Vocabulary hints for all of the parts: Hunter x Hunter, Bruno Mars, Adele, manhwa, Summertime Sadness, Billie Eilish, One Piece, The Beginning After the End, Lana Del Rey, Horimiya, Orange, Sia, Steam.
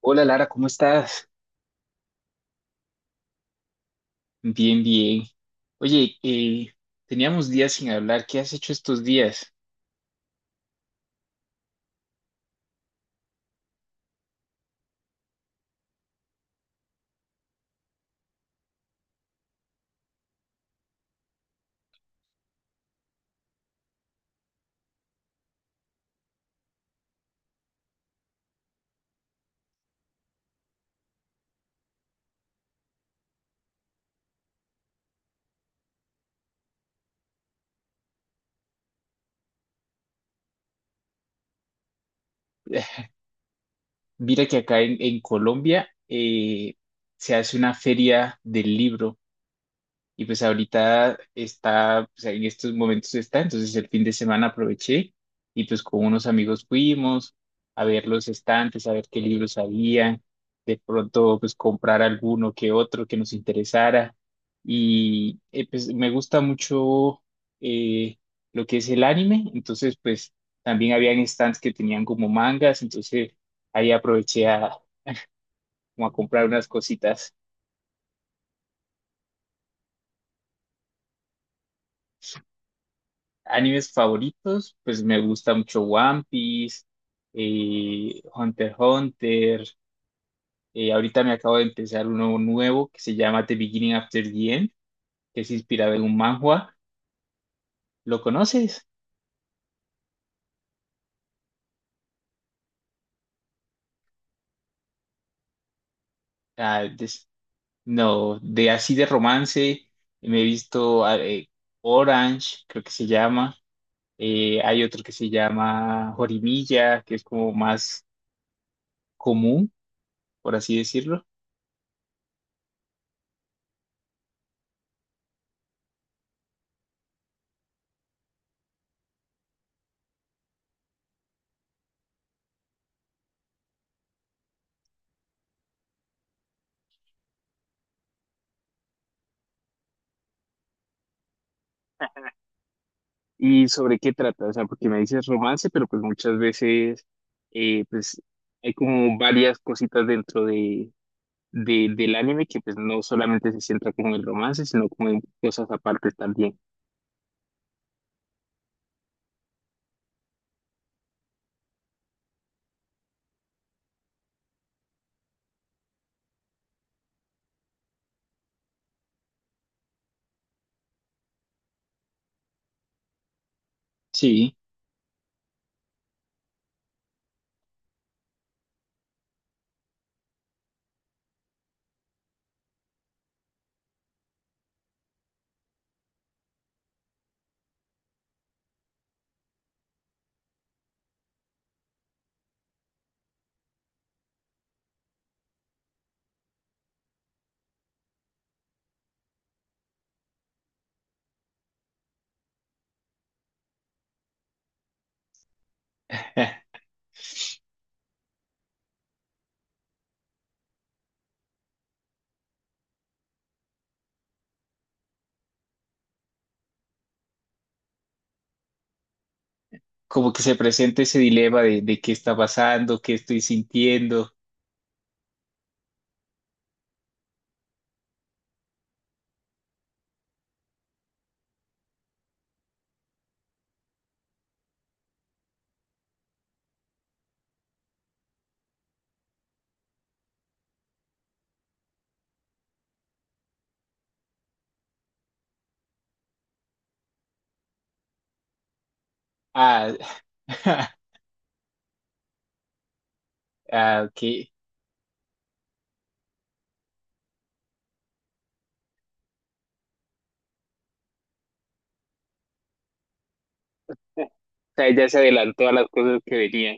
Hola Lara, ¿cómo estás? Bien, bien. Oye, teníamos días sin hablar. ¿Qué has hecho estos días? Eh, Mira que acá en Colombia, se hace una feria del libro. Y pues ahorita está, pues en estos momentos está, entonces el fin de semana aproveché y pues con unos amigos fuimos a ver los estantes, a ver qué libros había, de pronto pues comprar alguno que otro que nos interesara. Y pues me gusta mucho eh, lo que es el anime, entonces pues también habían stands que tenían como mangas, entonces ahí aproveché a, como a comprar unas cositas. Animes favoritos, pues me gusta mucho One Piece, Hunter x Hunter. Ahorita me acabo de empezar uno nuevo que se llama The Beginning After the End, que es inspirado en un manhwa. ¿Lo conoces? Ah, no, de así de romance. Me he visto Orange, creo que se llama. Hay otro que se llama Horimiya, que es como más común, por así decirlo. ¿Y sobre qué trata? O sea, porque me dices romance, pero pues muchas veces, pues hay como varias cositas dentro de, del anime que pues no solamente se centra como en el romance, sino como en cosas aparte también. Sí, eh, como que se presenta ese dilema de qué está pasando, qué estoy sintiendo. Ah. Ah, ok. O sea, ella se adelantó a las cosas que venían.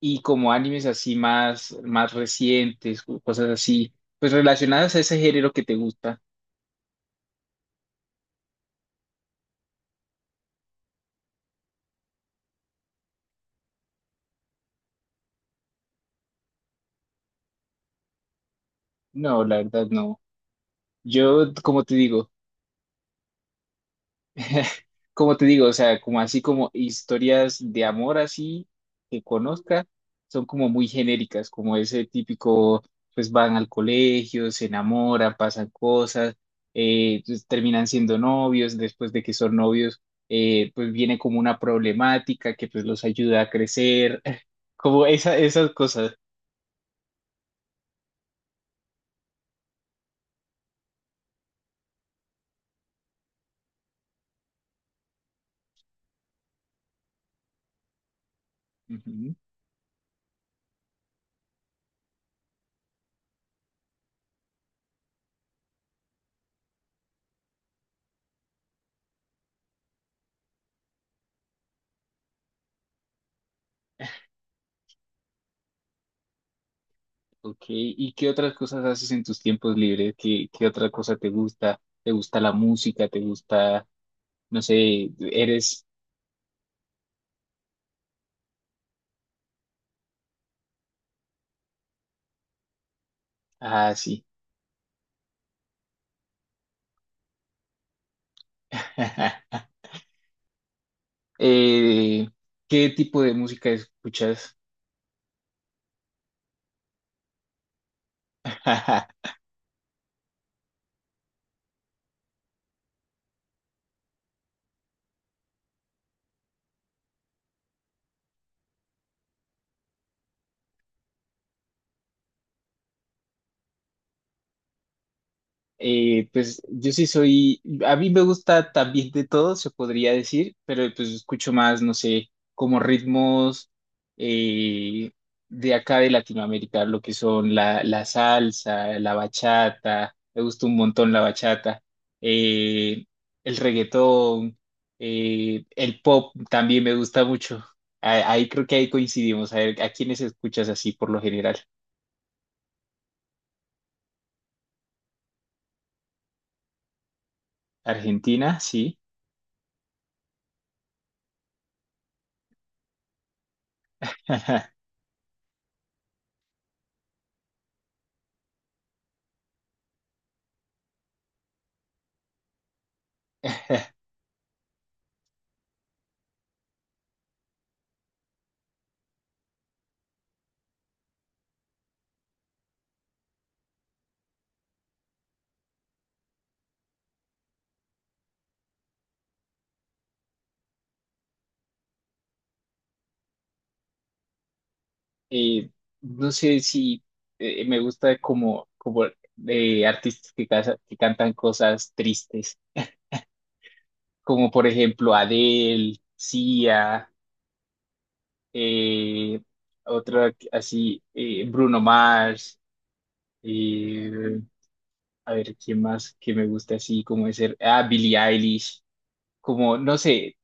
Y como animes así más, más recientes, o cosas así, pues relacionadas a ese género que te gusta. No, la verdad no. Yo, como te digo, como te digo, o sea, como así como historias de amor así que conozca, son como muy genéricas, como ese típico, pues van al colegio, se enamoran, pasan cosas, terminan siendo novios, después de que son novios, pues viene como una problemática que pues los ayuda a crecer, como esa, esas cosas. Ujú. Ok, ¿y qué otras cosas haces en tus tiempos libres? ¿Qué, qué otra cosa te gusta? ¿Te gusta la música? ¿Te gusta, no sé, eres así? Eh, ¿Qué tipo de música escuchas? Pues yo sí soy, a mí me gusta también de todo, se podría decir, pero pues escucho más, no sé, como ritmos, eh, de acá de Latinoamérica, lo que son la, la salsa, la bachata, me gusta un montón la bachata, eh, el reggaetón, el pop también me gusta mucho. Ahí creo que ahí coincidimos, a ver, ¿a quiénes escuchas así por lo general? Argentina, sí. eh, no sé si, me gusta como, como, artistas que, que cantan cosas tristes, como por ejemplo Adele, Sia, eh, otra así, Bruno Mars, eh, a ver, ¿quién más que me gusta así? Como ser, ah, Billie Eilish, como, no sé.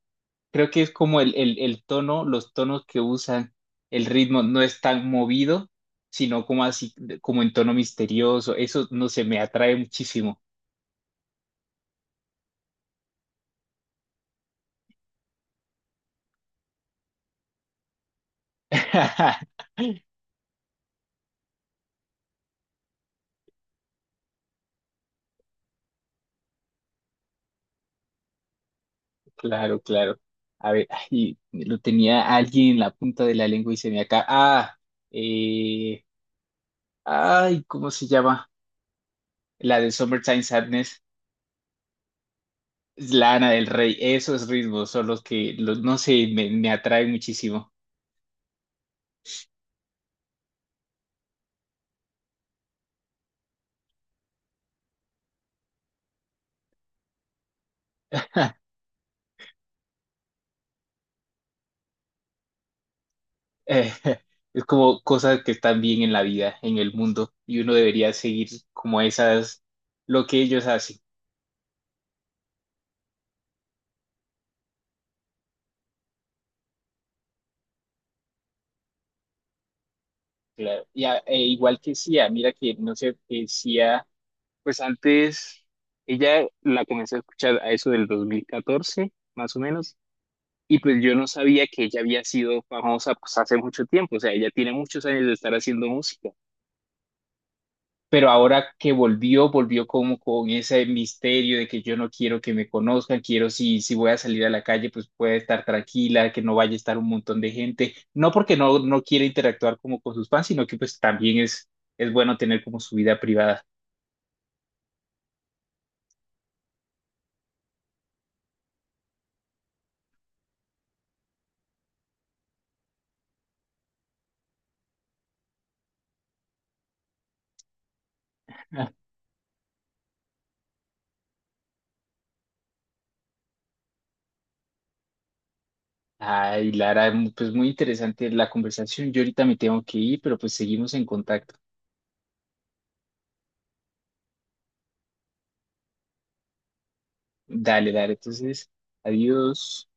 Creo que es como el tono, los tonos que usan, el ritmo no es tan movido, sino como así, como en tono misterioso. Eso no sé, me atrae muchísimo. Claro, claro. A ver, ay, lo tenía alguien en la punta de la lengua y se me acá. Ah, eh, ay, ¿cómo se llama? La de Summertime Sadness, Lana del Rey. Esos ritmos son los que, los, no sé, me atraen muchísimo. eh, es como cosas que están bien en la vida, en el mundo, y uno debería seguir como esas, lo que ellos hacen. Claro. Y a e igual que Sia, mira que no sé, que Sia, pues antes ella la comencé a escuchar a eso del 2014 más o menos, y pues yo no sabía que ella había sido famosa pues hace mucho tiempo, o sea, ella tiene muchos años de estar haciendo música. Pero ahora que volvió, volvió como con ese misterio de que yo no quiero que me conozcan, quiero si, si voy a salir a la calle, pues pueda estar tranquila, que no vaya a estar un montón de gente, no porque no, no quiera interactuar como con sus fans, sino que pues también es bueno tener como su vida privada. Ay, Lara, pues muy interesante la conversación. Yo ahorita me tengo que ir, pero pues seguimos en contacto. Dale, dale, entonces, adiós.